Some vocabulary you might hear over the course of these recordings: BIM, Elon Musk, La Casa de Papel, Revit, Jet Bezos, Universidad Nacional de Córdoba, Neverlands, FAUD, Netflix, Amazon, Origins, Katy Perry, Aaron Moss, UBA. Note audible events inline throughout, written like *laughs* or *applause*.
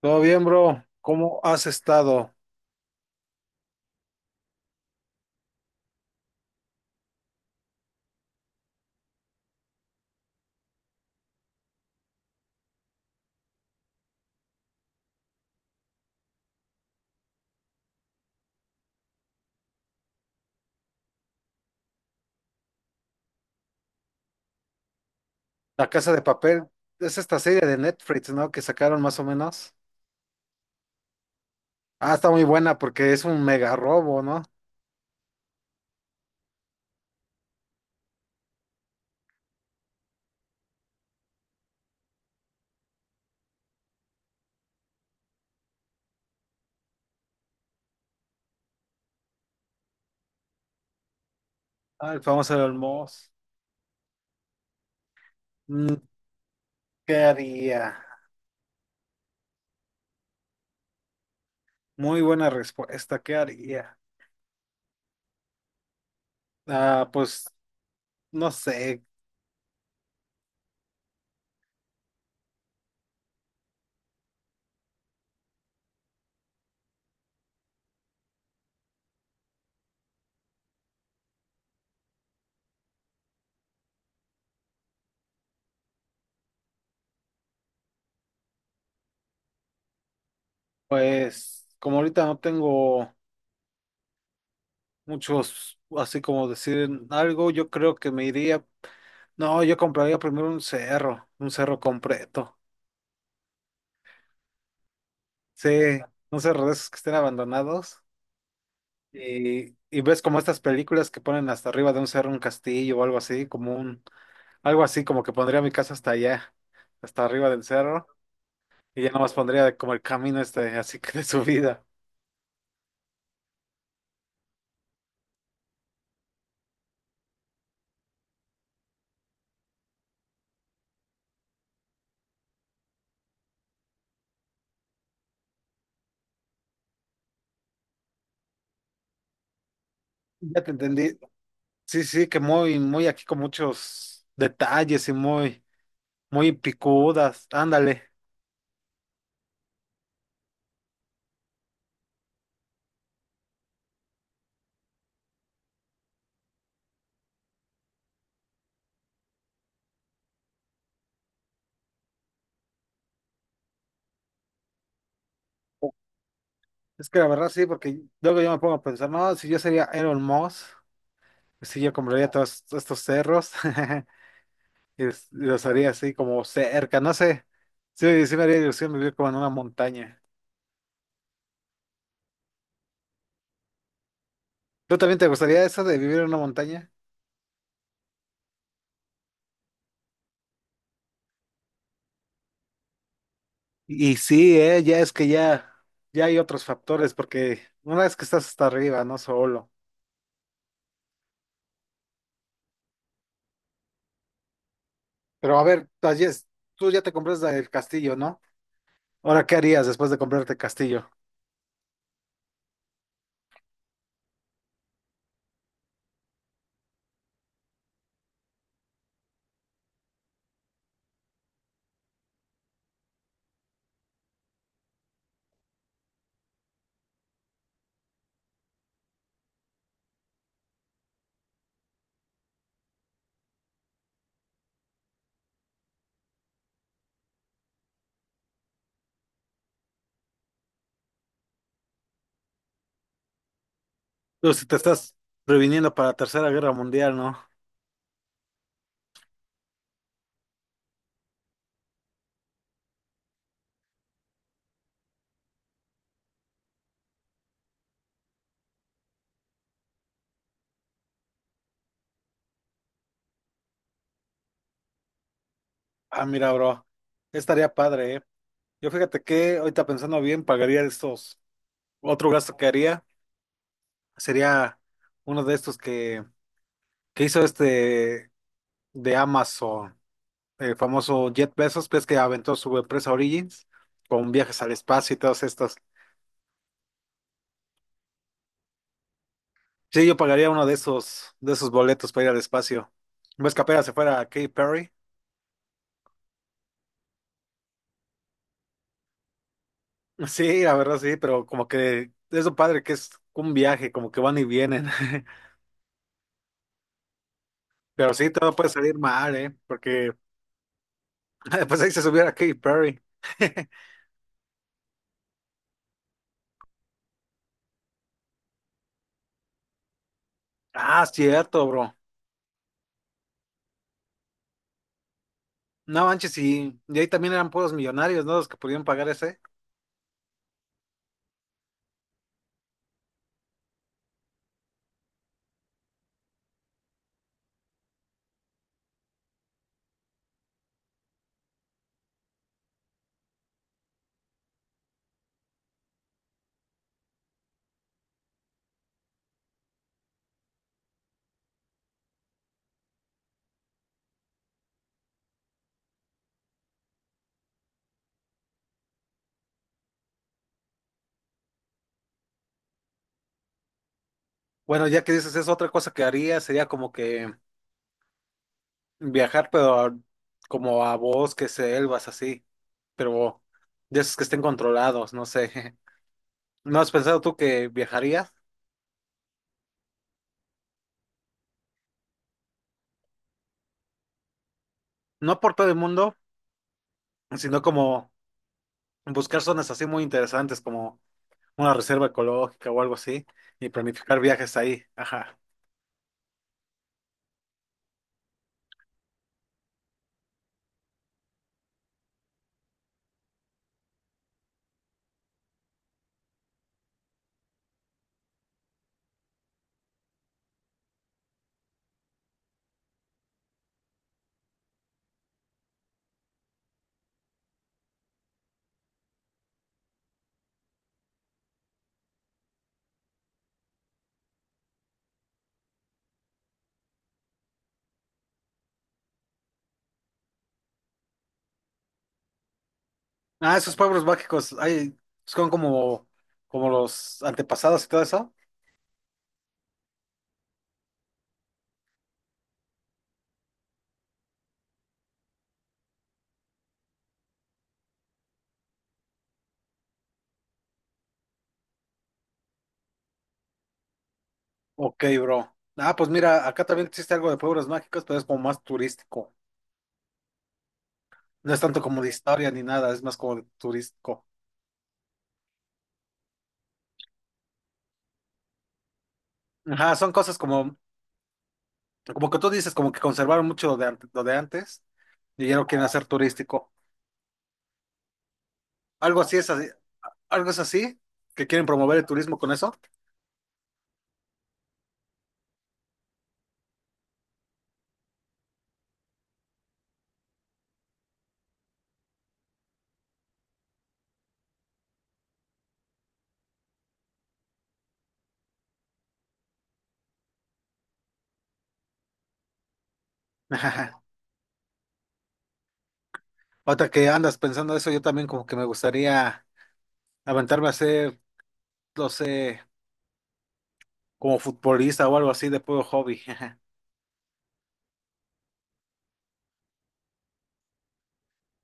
Todo bien, bro. ¿Cómo has estado? La Casa de Papel es esta serie de Netflix, ¿no? Que sacaron más o menos. Ah, está muy buena porque es un mega robo, ¿no? Ah, el famoso Elon Musk. Mm, ¿Qué haría? Muy buena respuesta. ¿Qué haría? Ah, pues no sé. Pues como ahorita no tengo muchos, así como decir algo, yo creo que me iría. No, yo compraría primero un cerro completo. Sí, un cerro de esos que estén abandonados. Y ves como estas películas que ponen hasta arriba de un cerro un castillo o algo así, como un, algo así como que pondría mi casa hasta allá, hasta arriba del cerro, y ya nomás pondría como el camino este, así que de subida. Ya te entendí. Sí, sí, que muy, muy aquí con muchos detalles y muy, muy picudas. Ándale. Es que la verdad sí, porque luego yo me pongo a pensar, no, si yo sería Elon Musk, pues sí, yo compraría todos estos cerros. *laughs* Y los haría así como cerca, no sé. Sí, sí me haría ilusión vivir como en una montaña. ¿Tú también te gustaría eso de vivir en una montaña? Y sí, ya es que ya, ya hay otros factores, porque una vez que estás hasta arriba, no solo. Pero a ver, ayer tú ya te compraste el castillo, ¿no? Ahora, ¿qué harías después de comprarte el castillo? Tú si te estás previniendo para la Tercera Guerra Mundial, ¿no? Ah, mira, bro, estaría padre, ¿eh? Yo fíjate que ahorita pensando bien, pagaría estos. Otro gasto que haría. Sería uno de estos que hizo este de Amazon, el famoso Jet Bezos, que aventó su empresa Origins con viajes al espacio y todos estos. Sí, yo pagaría uno de esos boletos para ir al espacio. ¿Ves que apenas se fuera a Katy Perry? *laughs* Sí, la verdad sí, pero como que es lo padre que es un viaje, como que van y vienen. *laughs* Pero sí, todo puede salir mal, ¿eh? Porque *laughs* pues ahí se subiera Katy Perry. *laughs* Ah, cierto, bro. No manches, y ahí también eran puros millonarios, ¿no? Los que podían pagar ese. Bueno, ya que dices eso, otra cosa que haría sería como que viajar, como a bosques, selvas, así. Pero de esos que estén controlados, no sé. *laughs* ¿No has pensado tú que viajarías? No por todo el mundo, sino como buscar zonas así muy interesantes, como una reserva ecológica o algo así, y planificar viajes ahí. Ajá. Ah, esos pueblos mágicos, ay, son como, como los antepasados y todo eso. Ok, bro. Ah, pues mira, acá también existe algo de pueblos mágicos, pero es como más turístico. No es tanto como de historia ni nada, es más como de turístico. Ajá, son cosas como, como que tú dices, como que conservaron mucho lo de, lo de antes y ya lo quieren hacer turístico. Algo así es así, algo es así, que quieren promover el turismo con eso. *laughs* Ahorita que andas pensando eso, yo también como que me gustaría aventarme a ser, no sé, como futbolista o algo así de puro hobby. *laughs*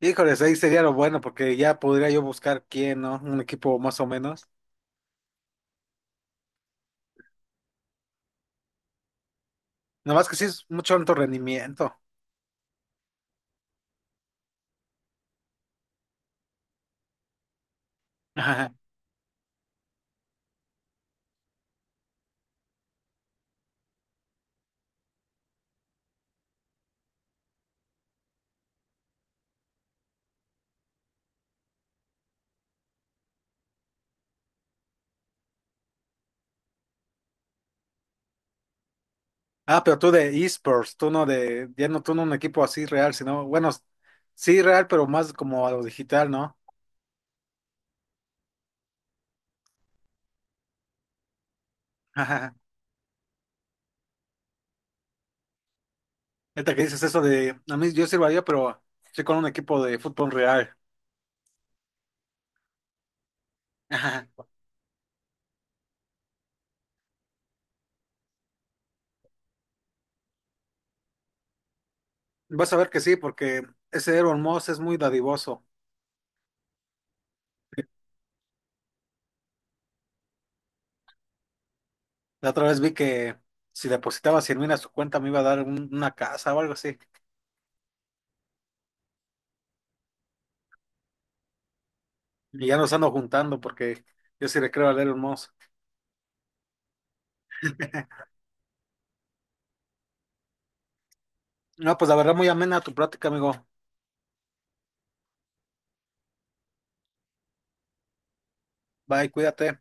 Híjoles, ahí sería lo bueno porque ya podría yo buscar quién, ¿no? Un equipo más o menos. Nada más que sí es mucho alto rendimiento. *laughs* Ajá. Ah, pero tú de esports, tú no de, ya no tú no un equipo así real, sino, bueno, sí real, pero más como a lo digital, ¿no? *laughs* Ajá. Ahorita que dices eso de, a mí yo sirvaría, pero estoy con un equipo de fútbol real. *laughs* Ajá. Vas a ver que sí, porque ese Aaron Moss es muy dadivoso. La otra vez vi que si depositaba 100 mil a su cuenta me iba a dar una casa o algo así. Y ya nos ando juntando porque yo sí le creo a Elon Musk. *laughs* No, pues la verdad muy amena tu plática, amigo. Bye, cuídate.